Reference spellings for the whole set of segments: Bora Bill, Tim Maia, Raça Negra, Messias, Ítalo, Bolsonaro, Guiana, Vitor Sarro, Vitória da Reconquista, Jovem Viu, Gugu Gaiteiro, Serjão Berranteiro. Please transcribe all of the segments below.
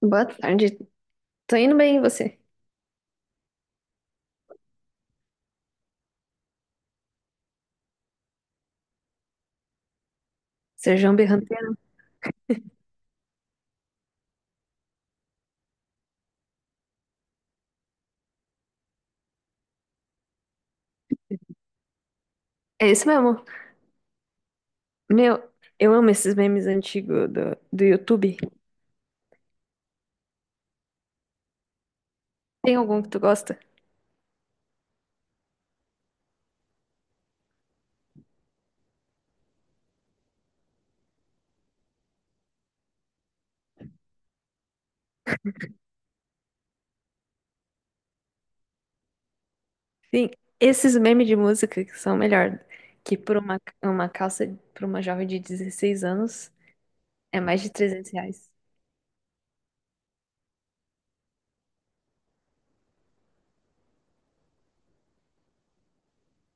Boa tarde. Tô indo bem, e você? Serjão Berranteiro? É isso mesmo. Meu, eu amo esses memes antigos do YouTube. Tem algum que tu gosta? Sim, esses memes de música que são melhor que por uma calça pra uma jovem de 16 anos é mais de R$ 300.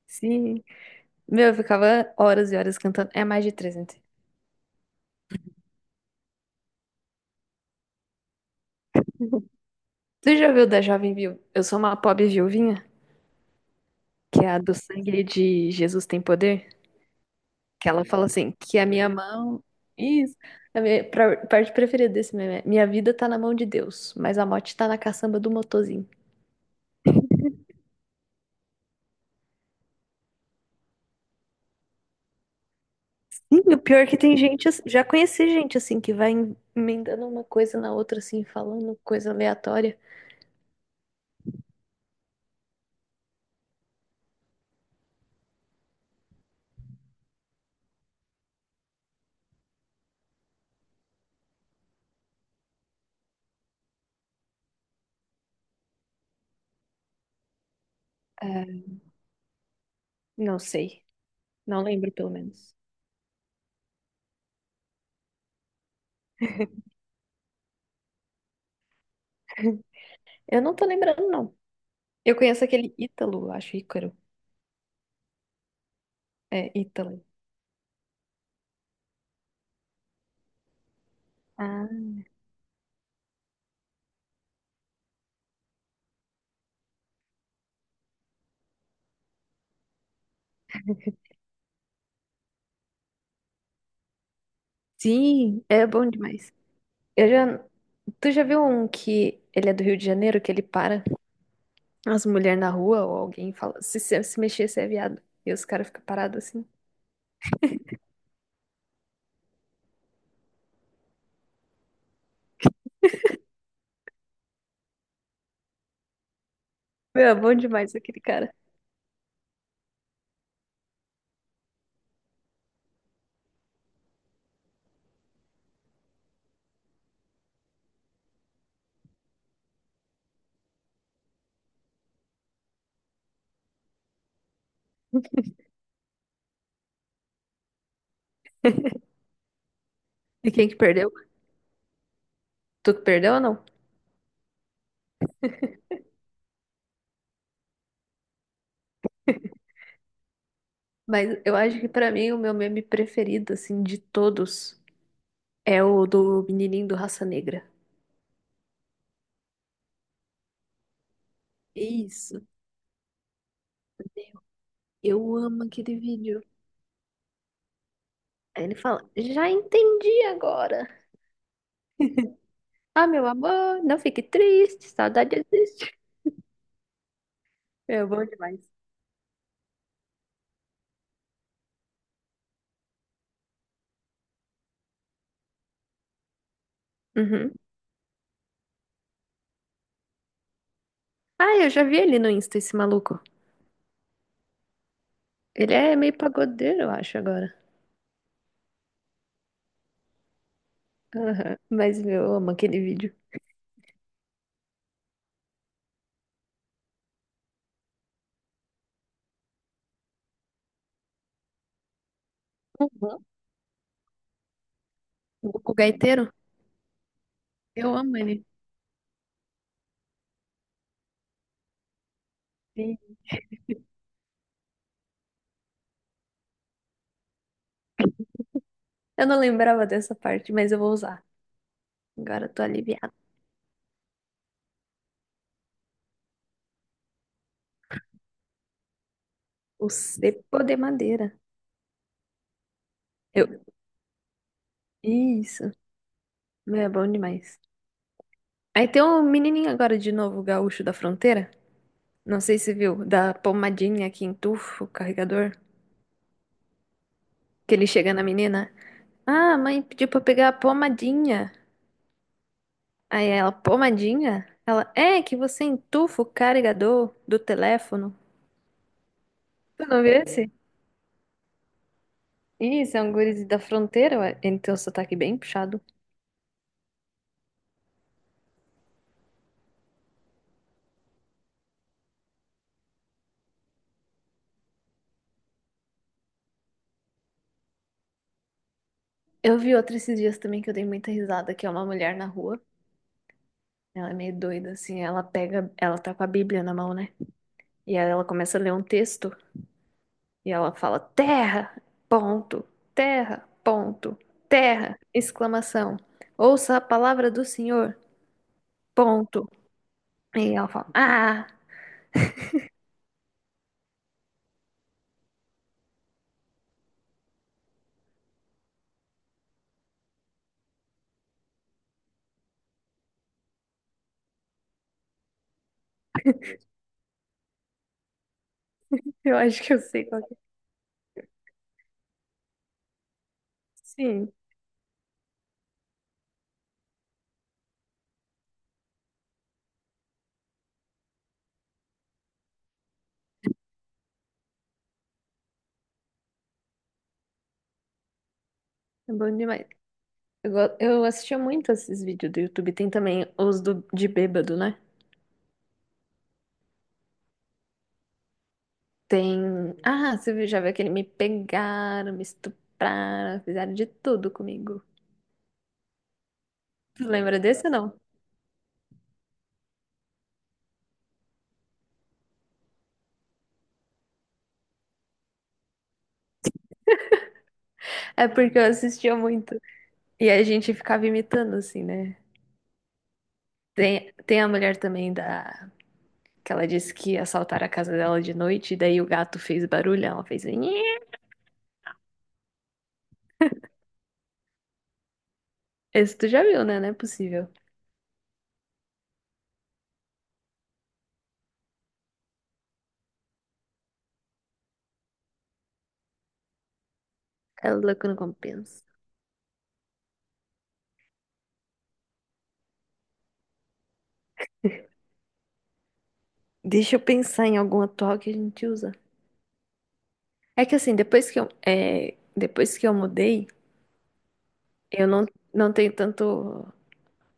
Sim. Meu, eu ficava horas e horas cantando. É mais de 300. Tu já viu da Jovem Viu? Eu sou uma pobre viuvinha, que é a do sangue de Jesus tem poder? Que ela fala assim, que a minha mão. Isso. A minha parte preferida desse meme é, minha vida tá na mão de Deus, mas a morte tá na caçamba do motorzinho. Sim, o pior é que tem gente, já conheci gente assim, que vai emendando uma coisa na outra, assim, falando coisa aleatória. É, não sei. Não lembro, pelo menos. Eu não tô lembrando, não. Eu conheço aquele Ítalo, eu acho, Ícaro. É, Ítalo. Ah. Sim, é bom demais. Eu já... Tu já viu um que ele é do Rio de Janeiro, que ele para as mulheres na rua ou alguém fala, se mexer, você é viado. E os caras ficam parados assim. Meu, é bom demais aquele cara. E quem que perdeu? Tu que perdeu ou não? Mas eu acho que pra mim o meu meme preferido, assim, de todos, é o do menininho do Raça Negra. Isso, eu amo aquele vídeo. Aí ele fala, já entendi agora. Ah, meu amor, não fique triste, saudade existe. Meu, bom demais. Uhum. Ah, eu já vi ele no Insta, esse maluco. Ele é meio pagodeiro, eu acho, agora. Aham. Mas meu, eu amo aquele vídeo. Uhum. Gugu Gaiteiro? Eu amo ele. Sim. Eu não lembrava dessa parte, mas eu vou usar. Agora eu tô aliviada. O cepo de madeira. Eu... Isso. Meu, é bom demais. Aí tem um menininho agora de novo, gaúcho da fronteira. Não sei se viu, da pomadinha que entufa o carregador. Que ele chega na menina. Ah, a mãe pediu pra eu pegar a pomadinha. Aí ela, pomadinha? Ela, é que você entufa o carregador do teléfono. Tu não viu esse? Ih, são guris da fronteira, ué. Ele tem o sotaque bem puxado. Eu vi outra esses dias também que eu dei muita risada, que é uma mulher na rua. Ela é meio doida, assim, ela pega, ela tá com a Bíblia na mão, né? E aí ela começa a ler um texto e ela fala: Terra, ponto, terra, ponto, terra, exclamação. Ouça a palavra do Senhor, ponto. E ela fala: Ah, eu acho que eu sei qual que é. Sim, é bom demais. Eu assistia muito esses vídeos do YouTube. Tem também os do, de bêbado, né? Tem. Ah, já viu aquele me pegaram, me estupraram, fizeram de tudo comigo. Tu lembra desse ou não? É porque eu assistia muito. E a gente ficava imitando, assim, né? Tem, tem a mulher também da. Que ela disse que assaltaram a casa dela de noite, e daí o gato fez barulho, ela fez. "Nhe". Esse tu já viu, né? Não é possível. É louco, não compensa. Deixa eu pensar em algum atual que a gente usa. É que assim, depois que eu mudei, eu não, não tenho tanto.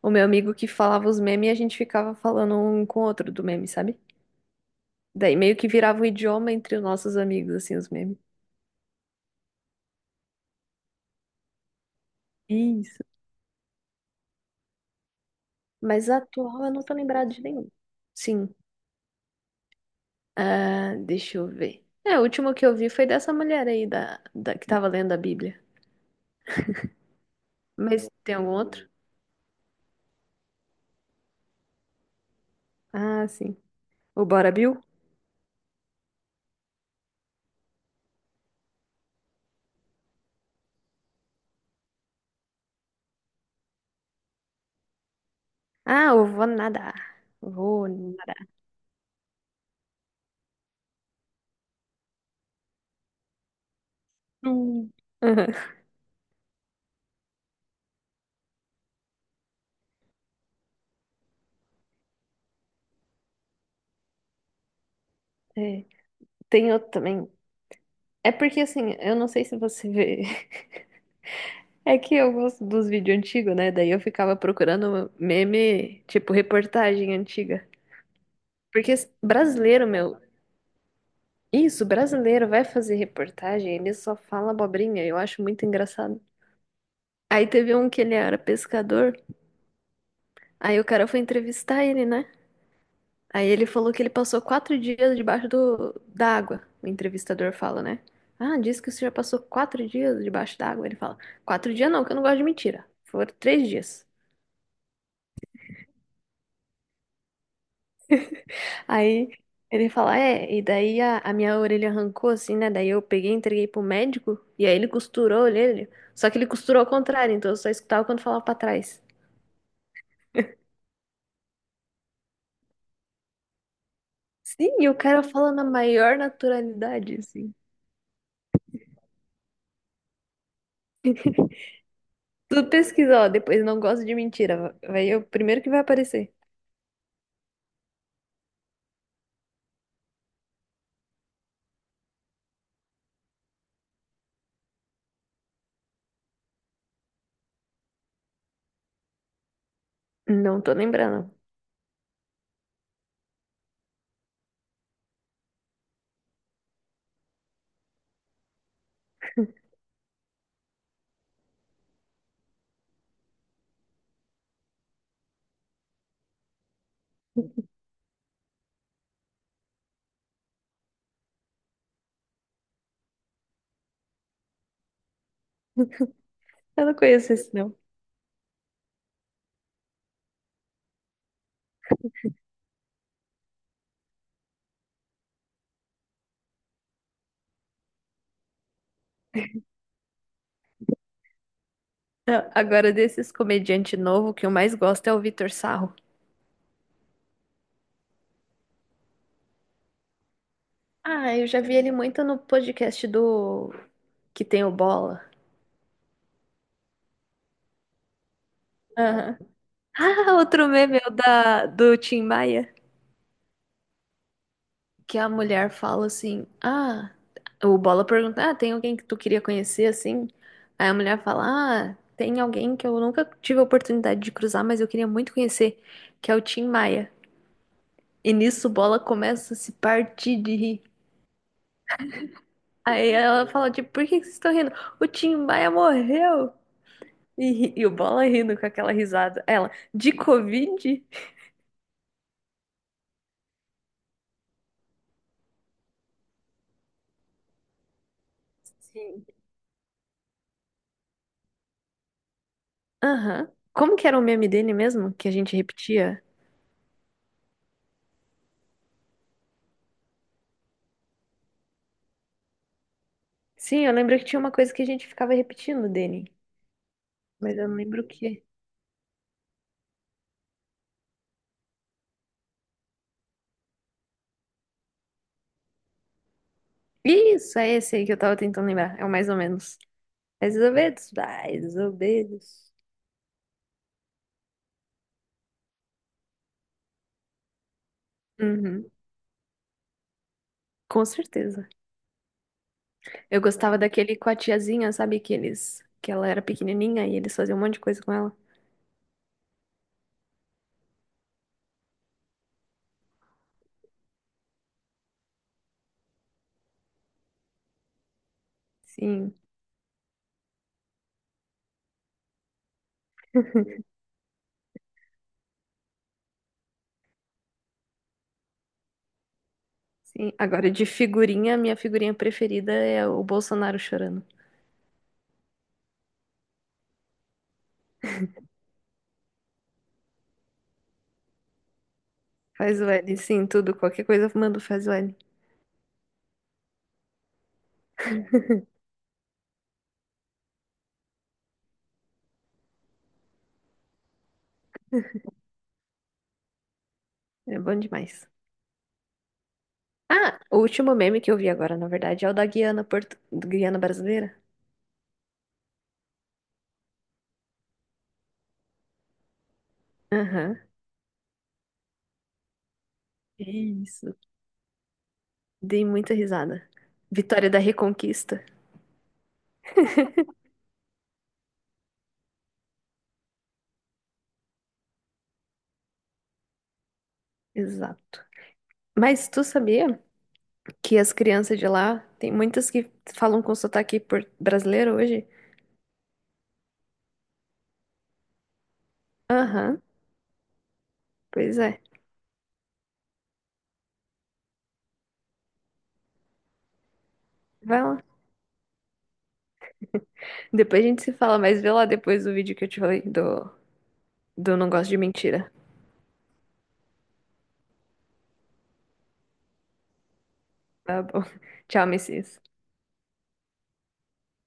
O meu amigo que falava os memes e a gente ficava falando um com o outro do meme, sabe? Daí meio que virava um idioma entre os nossos amigos, assim, os memes. Isso. Mas atual eu não tô lembrada de nenhum. Sim. Ah, deixa eu ver. É, o último que eu vi foi dessa mulher aí da que tava lendo a Bíblia. Mas tem algum outro? Ah, sim. O Bora Bill? Ah, eu vou nadar. Vou nadar. Hum. Aham. É, tem outro também. É porque assim, eu não sei se você vê. É que eu gosto dos vídeos antigos, né? Daí eu ficava procurando meme, tipo reportagem antiga. Porque brasileiro, meu, isso, brasileiro vai fazer reportagem, ele só fala abobrinha, eu acho muito engraçado. Aí teve um que ele era pescador, aí o cara foi entrevistar ele, né? Aí ele falou que ele passou 4 dias debaixo da água. O entrevistador fala, né? Ah, disse que o senhor passou 4 dias debaixo da água. Ele fala, 4 dias não, que eu não gosto de mentira. Foram 3 dias. Aí ele fala, é, e daí a minha orelha arrancou assim, né? Daí eu peguei, e entreguei pro médico, e aí ele costurou a orelha. Só que ele costurou ao contrário, então eu só escutava quando falava pra trás. Sim, e o cara fala na maior naturalidade, assim. Tu pesquisa, ó, depois não gosto de mentira, vai é o primeiro que vai aparecer. Não tô lembrando. Eu não conheço esse, não. Não. Agora, desses comediante novo, o que eu mais gosto é o Vitor Sarro. Ah, eu já vi ele muito no podcast do que tem o Bola. Aham. Ah, outro meme é o da, do Tim Maia, que a mulher fala assim, ah, o Bola pergunta, ah, tem alguém que tu queria conhecer, assim? Aí a mulher fala, ah, tem alguém que eu nunca tive a oportunidade de cruzar, mas eu queria muito conhecer, que é o Tim Maia. E nisso o Bola começa a se partir de rir. Aí ela fala, tipo, por que que vocês estão rindo? O Tim Maia morreu! E, e o Bola rindo com aquela risada. Ela, de Covid? Sim. Aham. Como que era o meme dele mesmo, que a gente repetia? Sim, eu lembro que tinha uma coisa que a gente ficava repetindo dele, mas eu não lembro o quê. Isso, é esse aí que eu tava tentando lembrar. É o mais ou menos. Mais ou menos, mais ou menos. Uhum, com certeza. Eu gostava daquele com a tiazinha, sabe? Que eles, que ela era pequenininha e eles faziam um monte de coisa com ela. Sim, sim. Agora, de figurinha, minha figurinha preferida é o Bolsonaro chorando. Faz o L, sim, tudo, qualquer coisa eu mando faz o L. É bom demais. Ah, o último meme que eu vi agora, na verdade, é o da Guiana, do Guiana brasileira. Aham. Isso. Dei muita risada. Vitória da Reconquista. Exato. Mas tu sabia que as crianças de lá, tem muitas que falam com sotaque brasileiro hoje? Aham, pois é. Vai lá. Depois a gente se fala, mas vê lá depois o vídeo que eu te falei do, do Não Gosto de Mentira. Tá bom. Tchau, Messias.